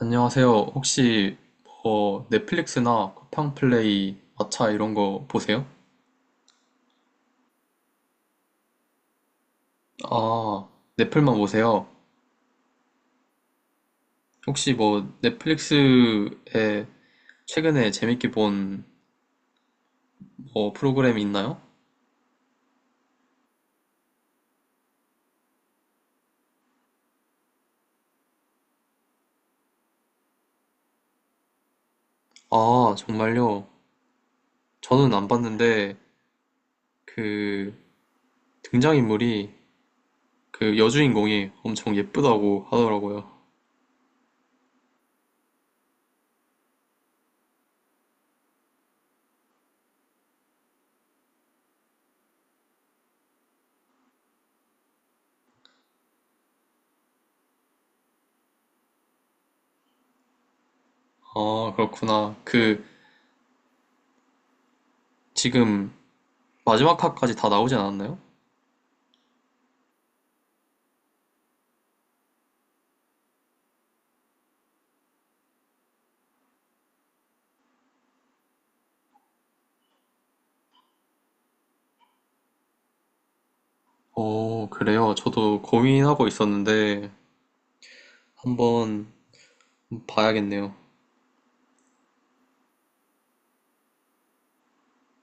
안녕하세요. 혹시 뭐 넷플릭스나 쿠팡플레이, 마차 이런 거 보세요? 아, 넷플만 보세요. 혹시 뭐 넷플릭스에 최근에 재밌게 본 뭐 프로그램이 있나요? 아, 정말요? 저는 안 봤는데 그 등장인물이 그 여주인공이 엄청 예쁘다고 하더라고요. 아, 그렇구나. 그 지금 마지막 화까지 다 나오지 않았나요? 어, 그래요. 저도 고민하고 있었는데, 한번 봐야겠네요.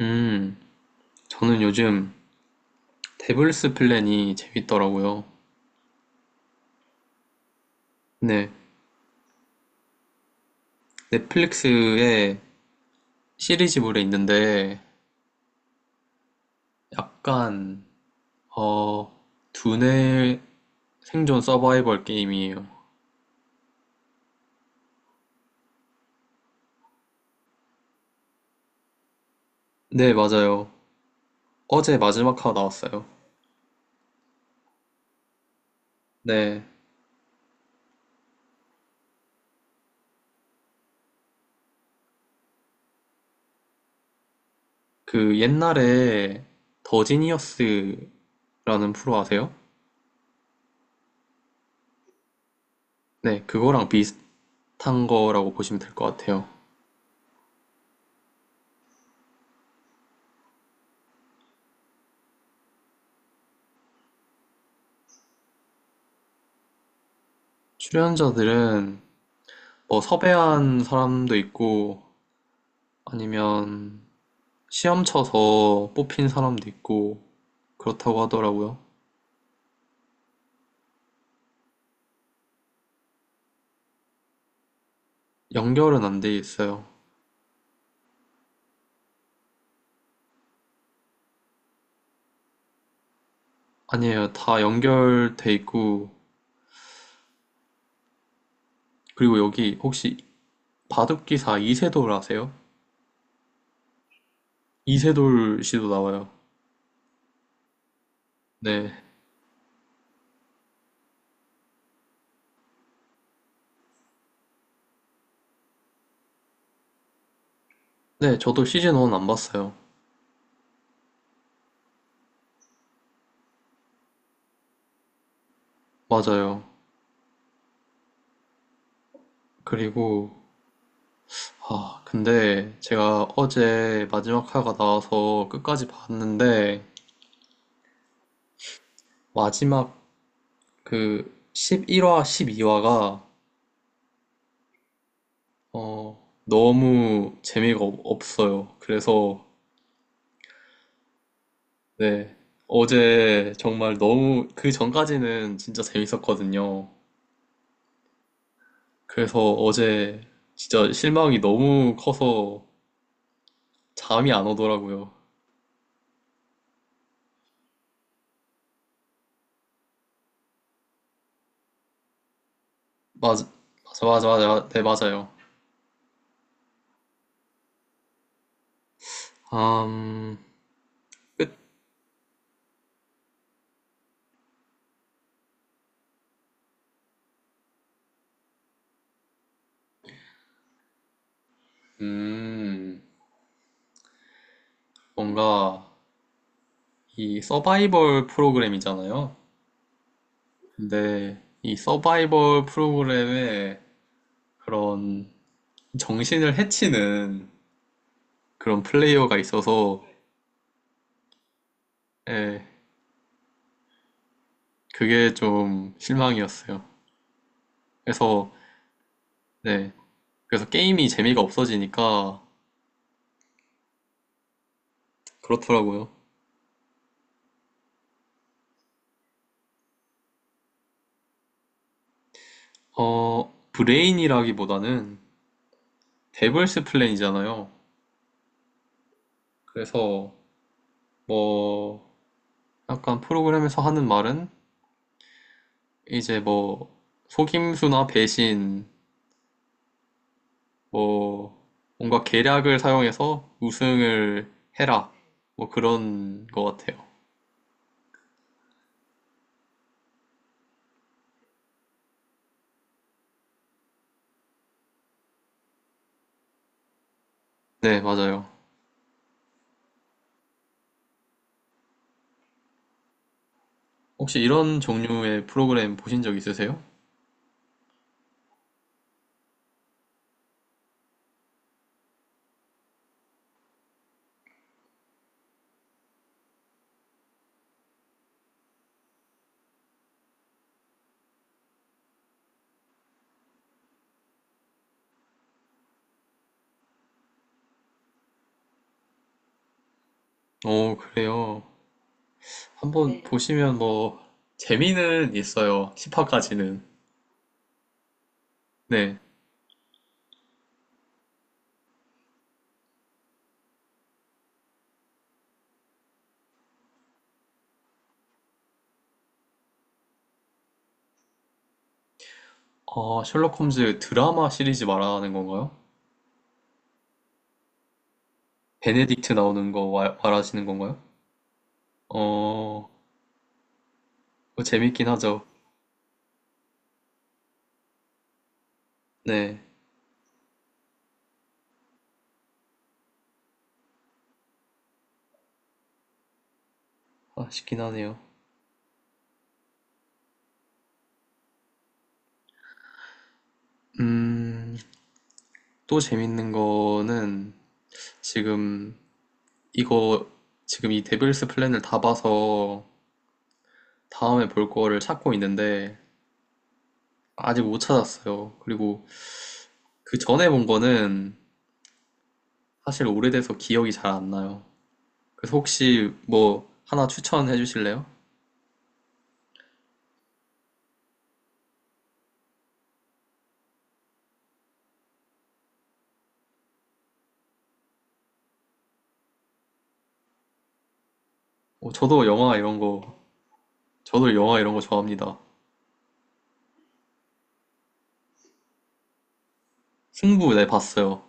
음, 저는 요즘 데블스 플랜이 재밌더라고요. 네, 넷플릭스에 시리즈물에 있는데 약간 어 두뇌 생존 서바이벌 게임이에요. 네, 맞아요. 어제 마지막 화가 나왔어요. 네, 그 옛날에 더 지니어스라는 프로 아세요? 네, 그거랑 비슷한 거라고 보시면 될 것 같아요. 출연자들은 뭐 섭외한 사람도 있고 아니면 시험 쳐서 뽑힌 사람도 있고 그렇다고 하더라고요. 연결은 안 돼 있어요. 아니에요. 다 연결돼 있고 그리고 여기 혹시 바둑기사 이세돌 아세요? 이세돌 씨도 나와요. 네. 네, 저도 시즌 1 안 봤어요. 맞아요. 그리고 아, 근데 제가 어제 마지막 화가 나와서 끝까지 봤는데 마지막 그 11화, 12화가 너무 없어요. 그래서 네. 어제 정말 너무 그 전까지는 진짜 재밌었거든요. 그래서 어제 진짜 실망이 너무 커서 잠이 안 오더라고요. 맞아, 맞아, 맞아, 맞아. 네, 맞아요. 음, 음, 뭔가 이 서바이벌 프로그램이잖아요. 근데 이 서바이벌 프로그램의 그런 정신을 해치는 그런 플레이어가 있어서 예, 그게 좀 실망이었어요. 그래서 네, 그래서 게임이 재미가 없어지니까 그렇더라고요. 어, 브레인이라기보다는 데블스 플랜이잖아요. 그래서 뭐 약간 프로그램에서 하는 말은 이제 뭐 속임수나 배신 뭐 뭔가 계략을 사용해서 우승을 해라 뭐 그런 것 같아요. 네, 맞아요. 혹시 이런 종류의 프로그램 보신 적 있으세요? 어, 그래요. 한번 네. 보시면 뭐 재미는 있어요. 10화까지는. 네. 아, 셜록 홈즈 드라마 시리즈 말하는 건가요? 베네딕트 나오는 거 와- 말하시는 건가요? 어, 그거 재밌긴 하죠. 네. 아쉽긴 하네요. 음, 또 재밌는 거는 지금 이거 지금 이 데빌스 플랜을 다 봐서 다음에 볼 거를 찾고 있는데 아직 못 찾았어요. 그리고 그 전에 본 거는 사실 오래돼서 기억이 잘 안 나요. 그래서 혹시 뭐 하나 추천해 주실래요? 어, 저도 영화 이런 거 좋아합니다. 승부 네 봤어요.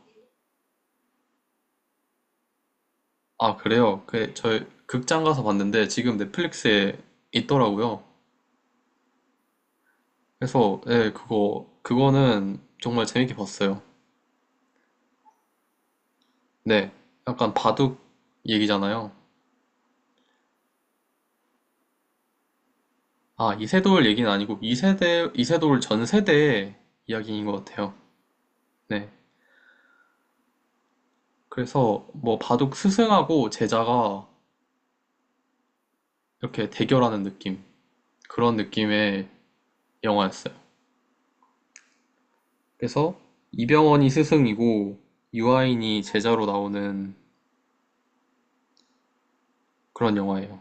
아, 그래요? 그, 저 극장 가서 봤는데 지금 넷플릭스에 있더라고요. 그래서 네, 그거는 정말 재밌게 봤어요. 네, 약간 바둑 얘기잖아요. 아, 이세돌 얘기는 아니고 이세돌 전 세대 이야기인 것 같아요. 네. 그래서 뭐 바둑 스승하고 제자가 이렇게 대결하는 느낌. 그런 느낌의 영화였어요. 그래서 이병헌이 스승이고 유아인이 제자로 나오는 그런 영화예요.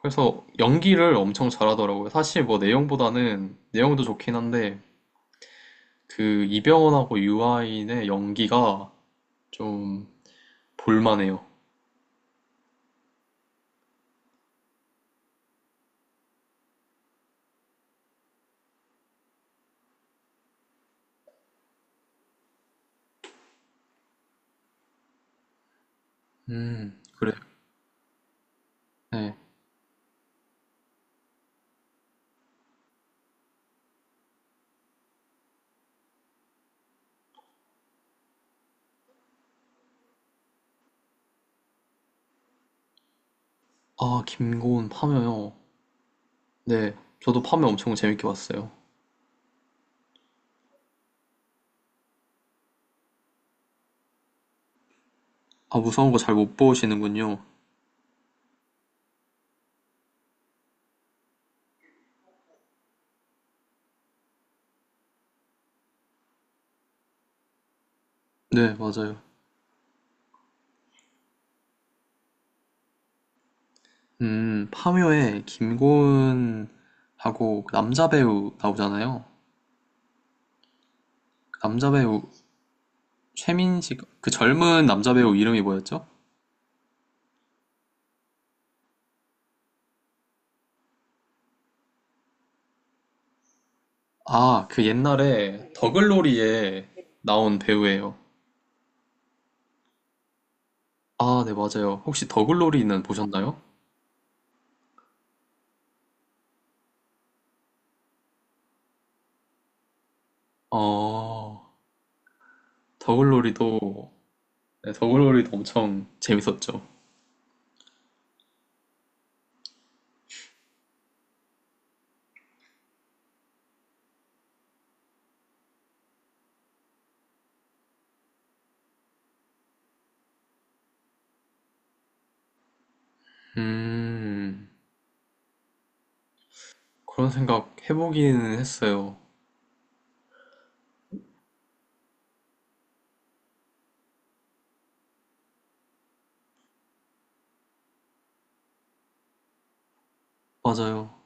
그래서 연기를 엄청 잘하더라고요. 사실 뭐 내용보다는 내용도 좋긴 한데 그 이병헌하고 유아인의 연기가 좀 볼만해요. 그래요? 네. 아, 김고은 파묘요. 네, 저도 파묘 엄청 재밌게 봤어요. 아, 무서운 거 잘 못 보시는군요. 네, 맞아요. 파묘에 김고은하고 그 남자 배우 나오잖아요. 그 남자 배우 최민식, 그 젊은 남자 배우 이름이 뭐였죠? 아, 그 옛날에 더글로리에 나온 배우예요. 아, 네, 맞아요. 혹시 더글로리는 보셨나요? 어, 더글로리도, 네, 더글로리도 엄청 재밌었죠. 음, 그런 생각 해보기는 했어요. 맞아요.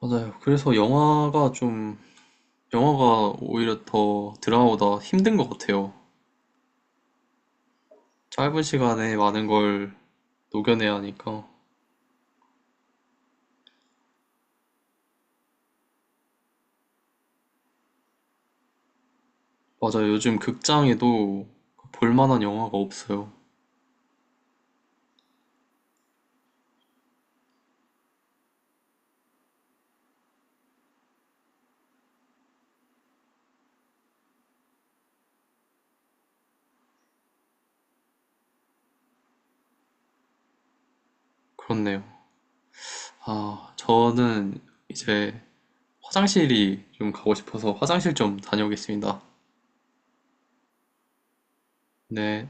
맞아요. 그래서 영화가 오히려 더 드라마보다 힘든 것 같아요. 짧은 시간에 많은 걸 녹여내야 하니까. 맞아요. 요즘 극장에도 볼만한 영화가 없어요. 그렇네요. 아, 저는 이제 화장실이 좀 가고 싶어서 화장실 좀 다녀오겠습니다. 네.